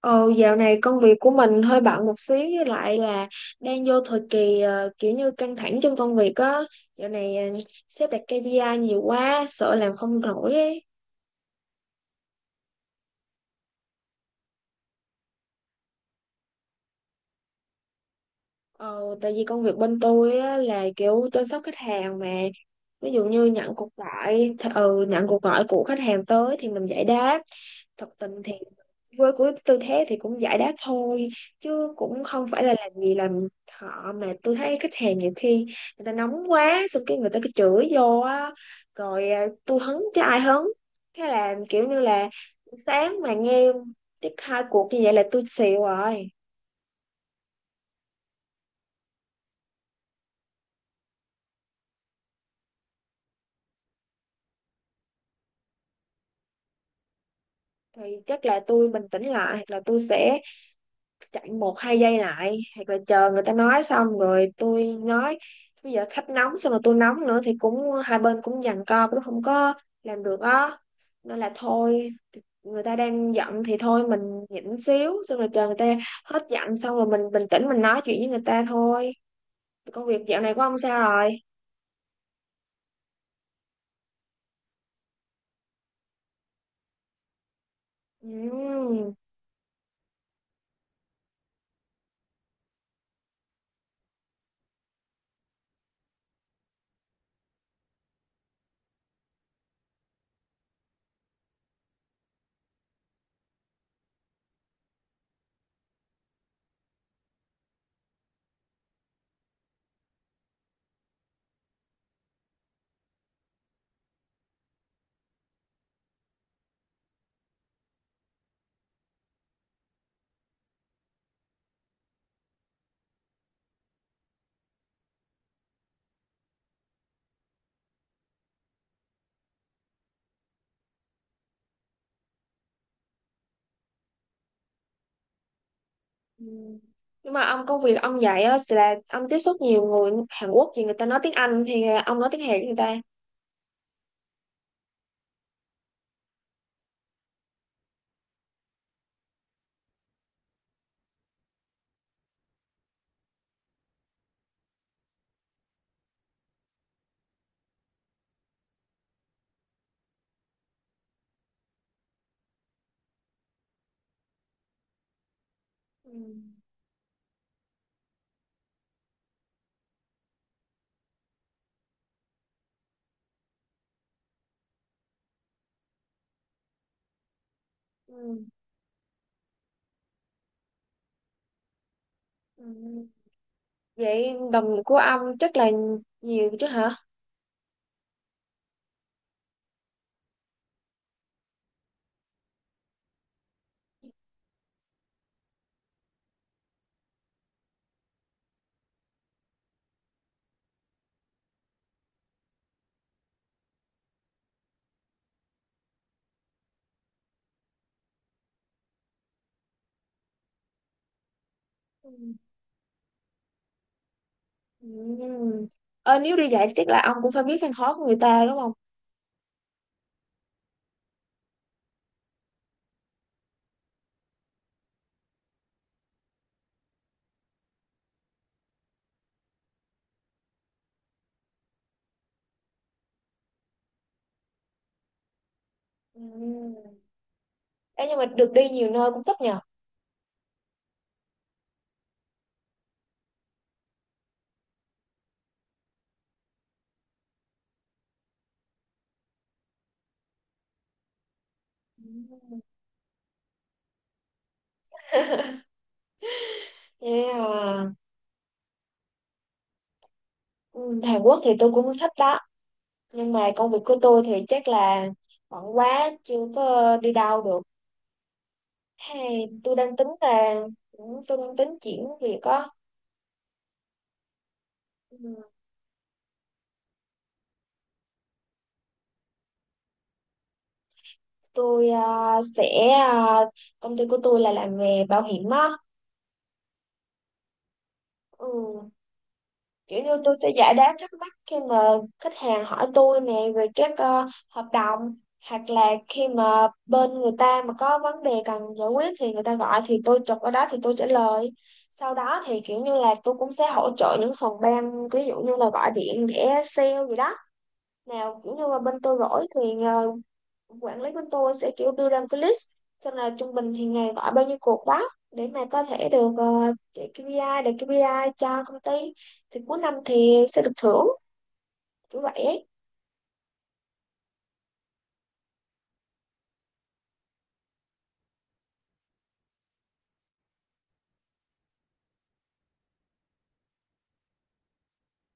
Ờ, dạo này công việc của mình hơi bận một xíu với lại là đang vô thời kỳ kiểu như căng thẳng trong công việc á. Dạo này sếp đặt KPI nhiều quá, sợ làm không nổi ấy. Ờ, tại vì công việc bên tôi á, là kiểu chăm sóc khách hàng mà ví dụ như nhận cuộc gọi của khách hàng tới thì mình giải đáp. Thật tình thì với cái tư thế thì cũng giải đáp thôi, chứ cũng không phải là làm gì làm họ. Mà tôi thấy khách hàng nhiều khi người ta nóng quá, xong cái người ta cứ chửi vô á, rồi à, tôi hứng chứ ai hứng. Thế là kiểu như là sáng mà nghe chắc hai cuộc như vậy là tôi xỉu rồi. Thì chắc là tôi bình tĩnh lại, hoặc là tôi sẽ chạy một hai giây lại, hoặc là chờ người ta nói xong rồi tôi nói. Bây giờ khách nóng, xong rồi tôi nóng nữa thì cũng hai bên cũng giằng co, cũng không có làm được á. Nên là thôi, người ta đang giận thì thôi mình nhịn xíu, xong rồi chờ người ta hết giận, xong rồi mình bình tĩnh mình nói chuyện với người ta thôi. Công việc dạo này của ông sao rồi? Ừm. Ừm. Nhưng mà ông công việc ông dạy á là ông tiếp xúc nhiều người Hàn Quốc, thì người ta nói tiếng Anh thì ông nói tiếng Hàn với người ta? Ừm. Ừm. Ừ. Vậy đồng của ông chắc là nhiều chứ hả? Ừ. Ừ. Ờ, nếu đi dạy chắc là ông cũng phải biết khăn khó của người ta đúng không? Ừ. Ê, nhưng mà được đi nhiều nơi cũng thích nhờ. Ừ. Yeah. Ừ, Hàn Quốc thì tôi cũng thích đó. Nhưng mà công việc của tôi thì chắc là bận quá, chưa có đi đâu được. Hay tôi đang tính là, ừ, tôi đang tính chuyển việc á. Ừ. Tôi à, sẽ, à, công ty của tôi là làm về bảo hiểm á. Ừ. Kiểu như tôi sẽ giải đáp thắc mắc khi mà khách hàng hỏi tôi nè về các hợp đồng, hoặc là khi mà bên người ta mà có vấn đề cần giải quyết thì người ta gọi thì tôi chụp ở đó thì tôi trả lời. Sau đó thì kiểu như là tôi cũng sẽ hỗ trợ những phòng ban, ví dụ như là gọi điện để sale gì đó, nào kiểu như là bên tôi rỗi thì quản lý của tôi sẽ kiểu đưa ra một cái list, xem là trung bình thì ngày gọi bao nhiêu cuộc báo, để mà có thể được chạy KPI, để KPI cho công ty, thì cuối năm thì sẽ được thưởng, kiểu vậy ấy.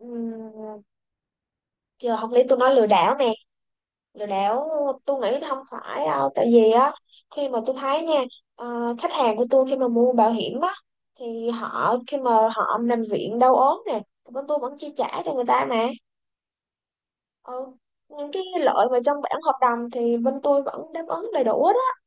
Ừm, giờ học lý tôi nói lừa đảo nè, lừa đảo tôi nghĩ không phải đâu, tại vì á khi mà tôi thấy nha, khách hàng của tôi khi mà mua bảo hiểm á thì họ khi mà họ nằm viện đau ốm nè thì bên tôi vẫn chi trả cho người ta mà. Ờ, những cái lợi mà trong bản hợp đồng thì bên tôi vẫn đáp ứng đầy đủ hết á.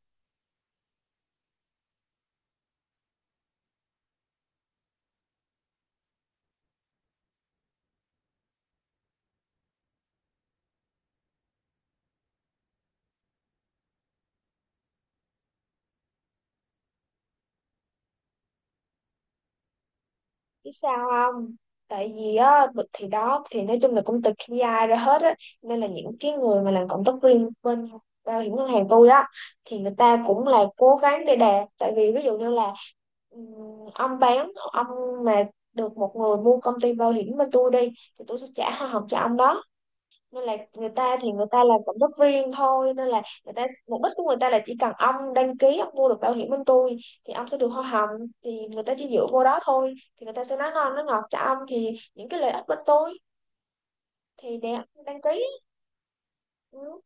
Biết sao không, tại vì á bực thì đó thì nói chung là cũng từ KPI ra hết á. Nên là những cái người mà làm cộng tác viên bên bảo hiểm ngân hàng tôi á thì người ta cũng là cố gắng để đạt, tại vì ví dụ như là ừm, ông bán, ông mà được một người mua công ty bảo hiểm bên tôi đi thì tôi sẽ trả hoa hồng cho ông đó. Nên là người ta thì người ta làm cộng tác viên thôi, nên là người ta mục đích của người ta là chỉ cần ông đăng ký ông mua được bảo hiểm bên tôi thì ông sẽ được hoa hồng, thì người ta chỉ dựa vô đó thôi, thì người ta sẽ nói ngon nói ngọt cho ông thì những cái lợi ích bên tôi thì để ông đăng ký. Ừ.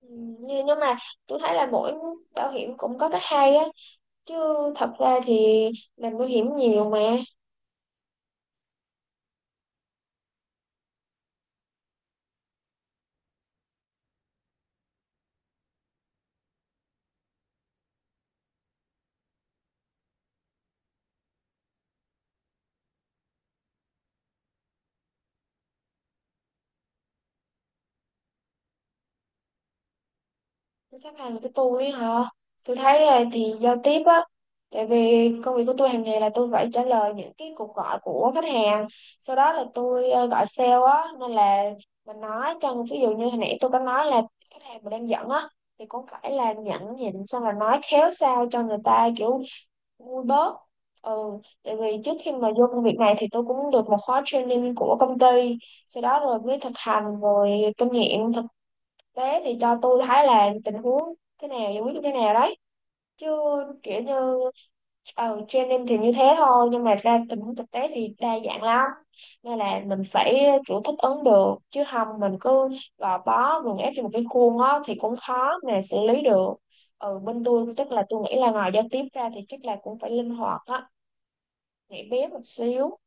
Ừ, nhưng mà tôi thấy là mỗi bảo hiểm cũng có cái hay á, chứ thật ra thì làm bảo hiểm nhiều mà. Sắp hàng của tôi hả? Tôi thấy là thì giao tiếp á, tại vì công việc của tôi hàng ngày là tôi phải trả lời những cái cuộc gọi của khách hàng, sau đó là tôi gọi sale á. Nên là mình nói cho ví dụ như hồi nãy tôi có nói là khách hàng mà đang giận á thì cũng phải là nhẫn nhịn, xong rồi nói khéo sao cho người ta kiểu vui bớt. Ừ, tại vì trước khi mà vô công việc này thì tôi cũng được một khóa training của công ty, sau đó rồi mới thực hành, rồi kinh nghiệm. Thế thì cho tôi thấy là tình huống thế nào giải quyết như thế nào đấy. Chứ kiểu như ờ, training thì như thế thôi, nhưng mà ra tình huống thực tế thì đa dạng lắm. Nên là mình phải kiểu thích ứng được, chứ không mình cứ gò bó gượng ép trong một cái khuôn á thì cũng khó mà xử lý được. Ừ, bên tôi chắc là tôi nghĩ là ngoài giao tiếp ra thì chắc là cũng phải linh hoạt á, nhảy bén một xíu.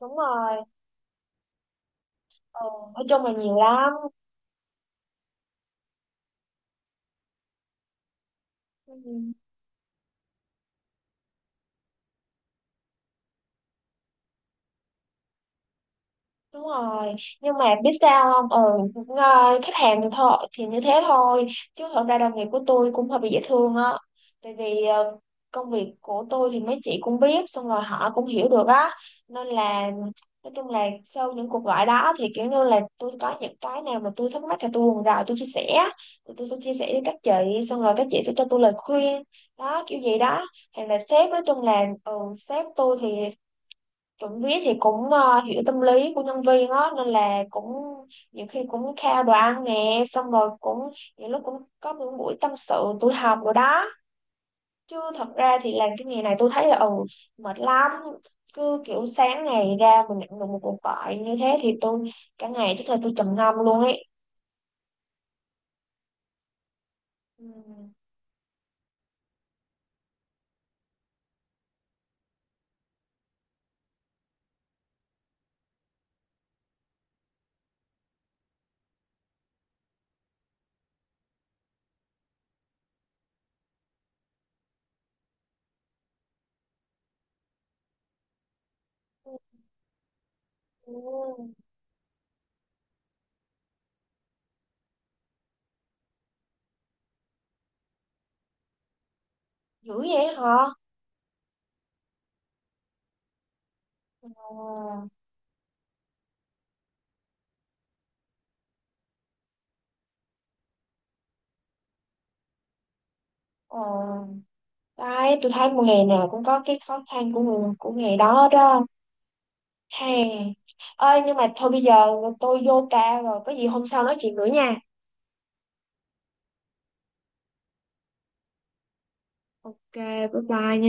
Đúng rồi, ừ, nói chung là nhiều lắm. Ừ. Đúng rồi, nhưng mà biết sao không? Ừ, khách hàng thì thôi thì như thế thôi, chứ thật ra đồng nghiệp của tôi cũng hơi bị dễ thương á. Tại vì công việc của tôi thì mấy chị cũng biết, xong rồi họ cũng hiểu được á. Nên là nói chung là sau những cuộc gọi đó thì kiểu như là tôi có những cái nào mà tôi thắc mắc thì tôi còn rồi tôi chia sẻ, thì tôi sẽ chia sẻ với các chị, xong rồi các chị sẽ cho tôi lời khuyên, đó kiểu gì đó. Hay là sếp nói chung là ừ, sếp tôi thì Chuẩn viết thì cũng hiểu tâm lý của nhân viên á, nên là cũng nhiều khi cũng khao đồ ăn nè, xong rồi cũng những lúc cũng có những buổi tâm sự tụi học rồi đó. Chứ thật ra thì làm cái nghề này tôi thấy là ừ, mệt lắm. Cứ kiểu sáng ngày ra mình nhận được một cuộc gọi như thế thì tôi cả ngày chắc là tôi trầm ngâm luôn ấy, ừ. Ừ. Dữ vậy hả? Ờ. Ờ. Đấy, tôi thấy một nghề nào cũng có cái khó khăn của người của nghề đó đó. Hè. Ơi nhưng mà thôi bây giờ tôi vô ca rồi, có gì hôm sau nói chuyện nữa nha. Ok, bye bye nha.